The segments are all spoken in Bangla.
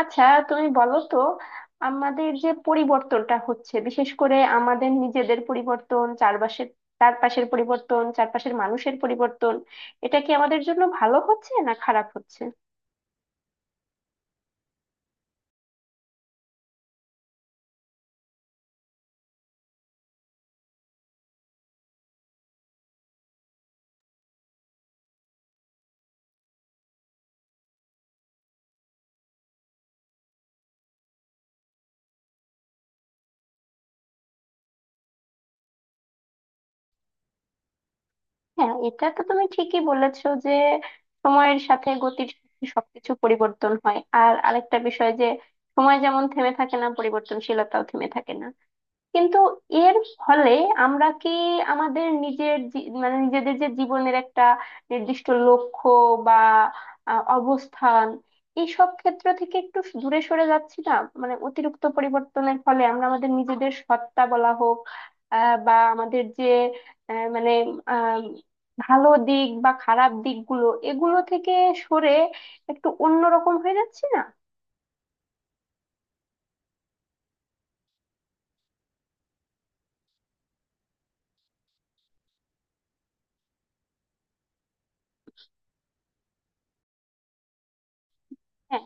আচ্ছা, তুমি বলো তো, আমাদের যে পরিবর্তনটা হচ্ছে, বিশেষ করে আমাদের নিজেদের পরিবর্তন, চারপাশের চারপাশের পরিবর্তন, চারপাশের মানুষের পরিবর্তন, এটা কি আমাদের জন্য ভালো হচ্ছে না খারাপ হচ্ছে? হ্যাঁ, এটা তো তুমি ঠিকই বলেছো যে সময়ের সাথে, গতির সাথে সবকিছু পরিবর্তন হয়। আর আরেকটা বিষয় যে সময় যেমন থেমে থাকে না, পরিবর্তনশীলতাও থেমে থাকে না। কিন্তু এর ফলে আমরা কি আমাদের নিজের জী- মানে নিজেদের যে জীবনের একটা নির্দিষ্ট লক্ষ্য বা অবস্থান, এইসব ক্ষেত্র থেকে একটু দূরে সরে যাচ্ছি না? মানে অতিরিক্ত পরিবর্তনের ফলে আমরা আমাদের নিজেদের সত্তা বলা হোক, বা আমাদের যে আহ, মানে আহ, ভালো দিক বা খারাপ দিকগুলো, এগুলো থেকে সরে একটু অন্যরকম হয়ে যাচ্ছি না? হ্যাঁ।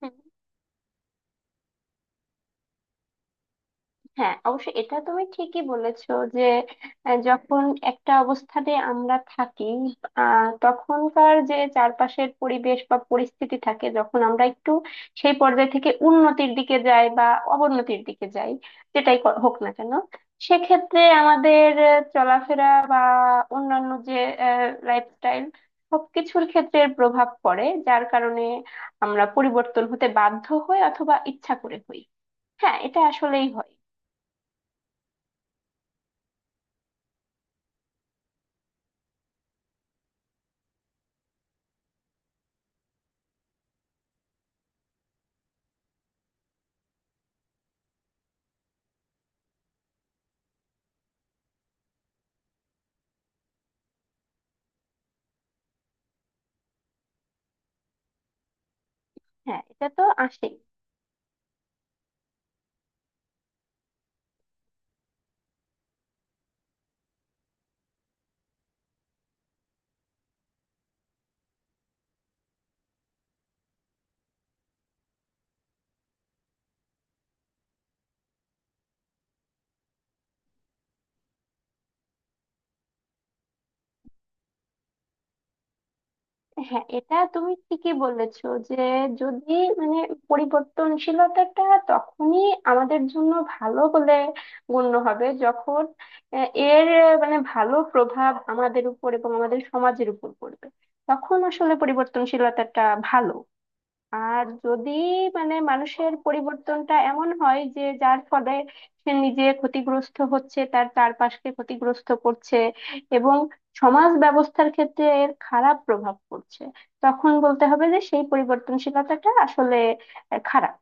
হ্যাঁ। হ্যাঁ, অবশ্যই এটা তুমি ঠিকই বলেছো যে যখন একটা অবস্থানে আমরা থাকি, তখনকার যে চারপাশের পরিবেশ বা পরিস্থিতি থাকে, যখন আমরা একটু সেই পর্যায় থেকে উন্নতির দিকে যাই বা অবনতির দিকে যাই, হোক না কেন, সেক্ষেত্রে আমাদের চলাফেরা বা অন্যান্য যে লাইফস্টাইল, সবকিছুর ক্ষেত্রে এর প্রভাব পড়ে, যার কারণে আমরা পরিবর্তন হতে বাধ্য হই অথবা ইচ্ছা করে হই। হ্যাঁ, এটা আসলেই হয়। হ্যাঁ, এটা তো আসেই। হ্যাঁ, এটা তুমি ঠিকই বলেছো যে যদি মানে পরিবর্তনশীলতাটা তখনই আমাদের জন্য ভালো বলে গণ্য হবে, যখন এর মানে ভালো প্রভাব আমাদের উপর এবং আমাদের সমাজের উপর পড়বে। তখন আসলে পরিবর্তনশীলতাটা ভালো। আর যদি মানে মানুষের পরিবর্তনটা এমন হয় যে যার ফলে সে নিজে ক্ষতিগ্রস্ত হচ্ছে, তার চারপাশকে ক্ষতিগ্রস্ত করছে এবং সমাজ ব্যবস্থার ক্ষেত্রে এর খারাপ প্রভাব পড়ছে, তখন বলতে হবে যে সেই পরিবর্তনশীলতাটা আসলে খারাপ।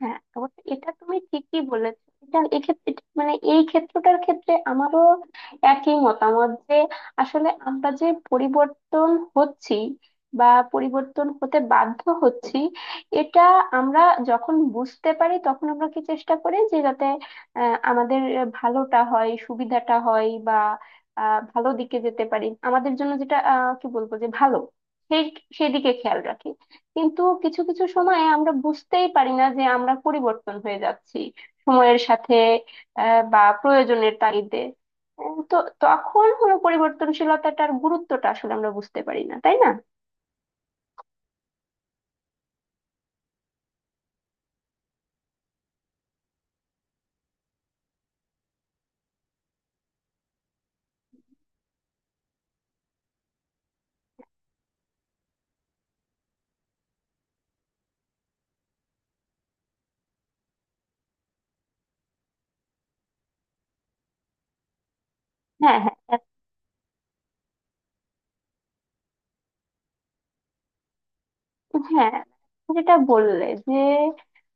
হ্যাঁ, অবশ্য এটা তুমি ঠিকই বলেছো। এটা এক্ষেত্রে এটা- মানে এই ক্ষেত্রটার ক্ষেত্রে আমারও একই মতামত যে আসলে আমরা যে পরিবর্তন হচ্ছি বা পরিবর্তন হতে বাধ্য হচ্ছি, এটা আমরা যখন বুঝতে পারি, তখন আমরা কি চেষ্টা করি যে যাতে আমাদের ভালোটা হয়, সুবিধাটা হয়, বা ভালো দিকে যেতে পারি, আমাদের জন্য যেটা কি বলবো যে ভালো, সেই সেই দিকে খেয়াল রাখি। কিন্তু কিছু কিছু সময়ে আমরা বুঝতেই পারি না যে আমরা পরিবর্তন হয়ে যাচ্ছি সময়ের সাথে, বা প্রয়োজনের তাগিদে। তো তখন হলো পরিবর্তনশীলতাটার গুরুত্বটা আসলে আমরা বুঝতে পারি না, তাই না? হ্যাঁ হ্যাঁ হ্যাঁ, যেটা বললে যে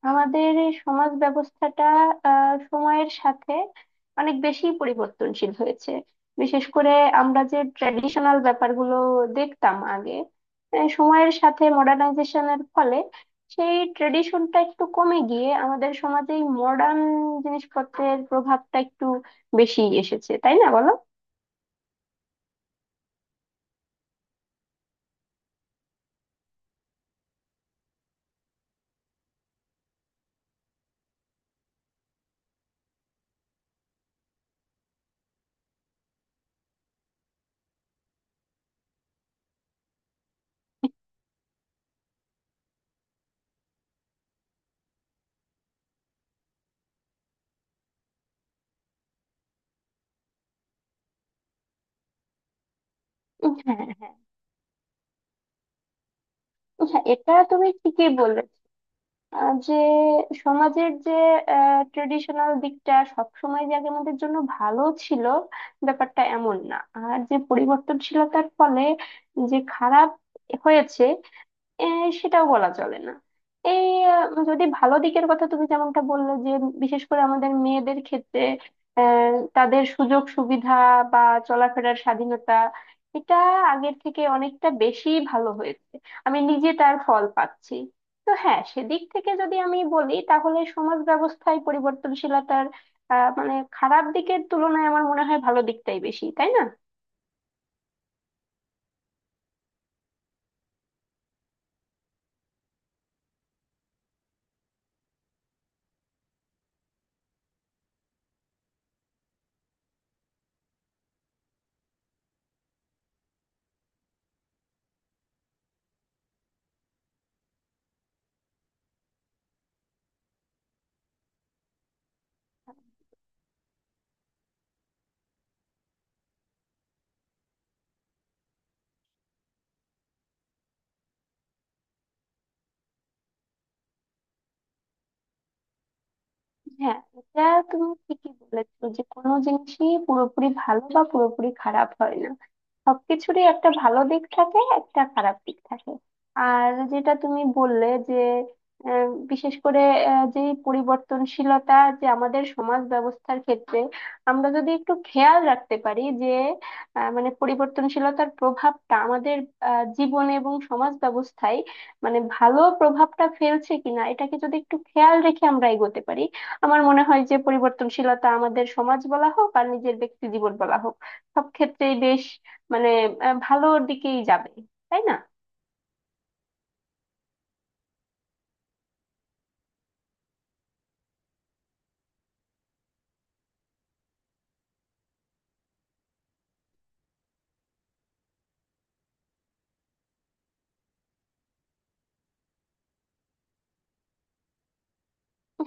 আমাদের এই সমাজ ব্যবস্থাটা সময়ের সাথে অনেক বেশি পরিবর্তনশীল হয়েছে। বিশেষ করে আমরা যে ট্র্যাডিশনাল ব্যাপারগুলো দেখতাম আগে, সময়ের সাথে মডার্নাইজেশনের ফলে সেই ট্রেডিশনটা একটু কমে গিয়ে আমাদের সমাজে এই মডার্ন জিনিসপত্রের প্রভাবটা একটু বেশি এসেছে, তাই না বলো? হ্যাঁ হ্যাঁ। হ্যাঁ, এটা তুমি ঠিকই বললে। আহ যে, সমাজের যে ট্রেডিশনাল দিকটা সবসময় যে আগে আমাদের জন্য ভালো ছিল, ব্যাপারটা এমন না। আর যে পরিবর্তনশীলতার ফলে যে খারাপ হয়েছে, এ, সেটাও বলা চলে না। এই যদি ভালো দিকের কথা তুমি যেমনটা বললে যে বিশেষ করে আমাদের মেয়েদের ক্ষেত্রে তাদের সুযোগ সুবিধা বা চলাফেরার স্বাধীনতা, এটা আগের থেকে অনেকটা বেশি ভালো হয়েছে। আমি নিজে তার ফল পাচ্ছি। তো হ্যাঁ, সেদিক থেকে যদি আমি বলি, তাহলে সমাজ ব্যবস্থায় পরিবর্তনশীলতার মানে খারাপ দিকের তুলনায় আমার মনে হয় ভালো দিকটাই বেশি, তাই না? হ্যাঁ, এটা তুমি ঠিকই বলেছো যে কোনো জিনিসই পুরোপুরি ভালো বা পুরোপুরি খারাপ হয় না। সবকিছুরই একটা ভালো দিক থাকে, একটা খারাপ দিক থাকে। আর যেটা তুমি বললে যে বিশেষ করে যে পরিবর্তনশীলতা, যে আমাদের সমাজ ব্যবস্থার ক্ষেত্রে আমরা যদি একটু খেয়াল রাখতে পারি যে মানে পরিবর্তনশীলতার প্রভাবটা আমাদের জীবনে এবং সমাজ ব্যবস্থায় মানে ভালো প্রভাবটা ফেলছে কিনা, এটাকে যদি একটু খেয়াল রেখে আমরা এগোতে পারি, আমার মনে হয় যে পরিবর্তনশীলতা আমাদের সমাজ বলা হোক আর নিজের ব্যক্তি জীবন বলা হোক, সব ক্ষেত্রেই বেশ মানে ভালোর দিকেই যাবে, তাই না?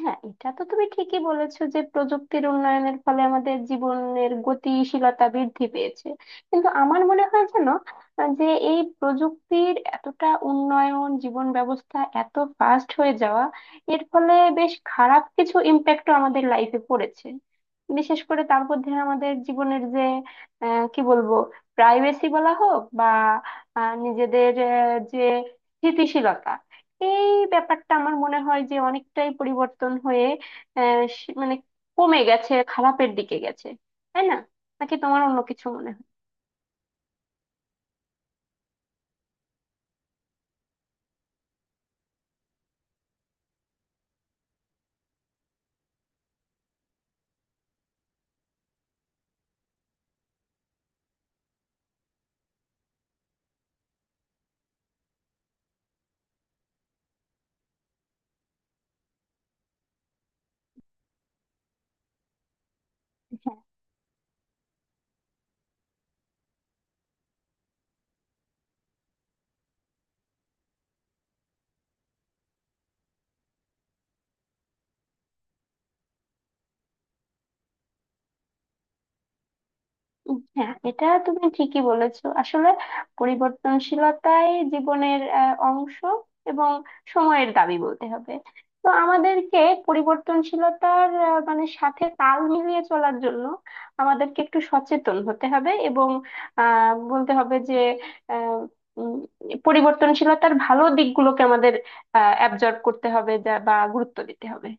হ্যাঁ, এটা তো তুমি ঠিকই বলেছো যে প্রযুক্তির উন্নয়নের ফলে আমাদের জীবনের গতিশীলতা বৃদ্ধি পেয়েছে। কিন্তু আমার মনে হয় যেন আহ, যে এই প্রযুক্তির এতটা উন্নয়ন, জীবন ব্যবস্থা এত ফাস্ট হয়ে যাওয়া, এর ফলে বেশ খারাপ কিছু ইম্প্যাক্টও আমাদের লাইফে পড়েছে। বিশেষ করে তার মধ্যে আমাদের জীবনের যে কি বলবো, প্রাইভেসি বলা হোক বা নিজেদের যে স্থিতিশীলতা, এই ব্যাপারটা আমার মনে হয় যে অনেকটাই পরিবর্তন হয়ে আহ, সে- মানে কমে গেছে, খারাপের দিকে গেছে, তাই না? নাকি তোমার অন্য কিছু মনে হয়? হ্যাঁ, এটা তুমি ঠিকই বলেছো। আসলে পরিবর্তনশীলতাই জীবনের অংশ এবং সময়ের দাবি বলতে হবে। তো আমাদেরকে পরিবর্তনশীলতার মানে সাথে তাল মিলিয়ে চলার জন্য আমাদেরকে একটু সচেতন হতে হবে এবং আহ বলতে হবে যে আহ, উম, পরিবর্তনশীলতার ভালো দিকগুলোকে আমাদের অ্যাবজর্ব করতে হবে যা বা গুরুত্ব দিতে হবে।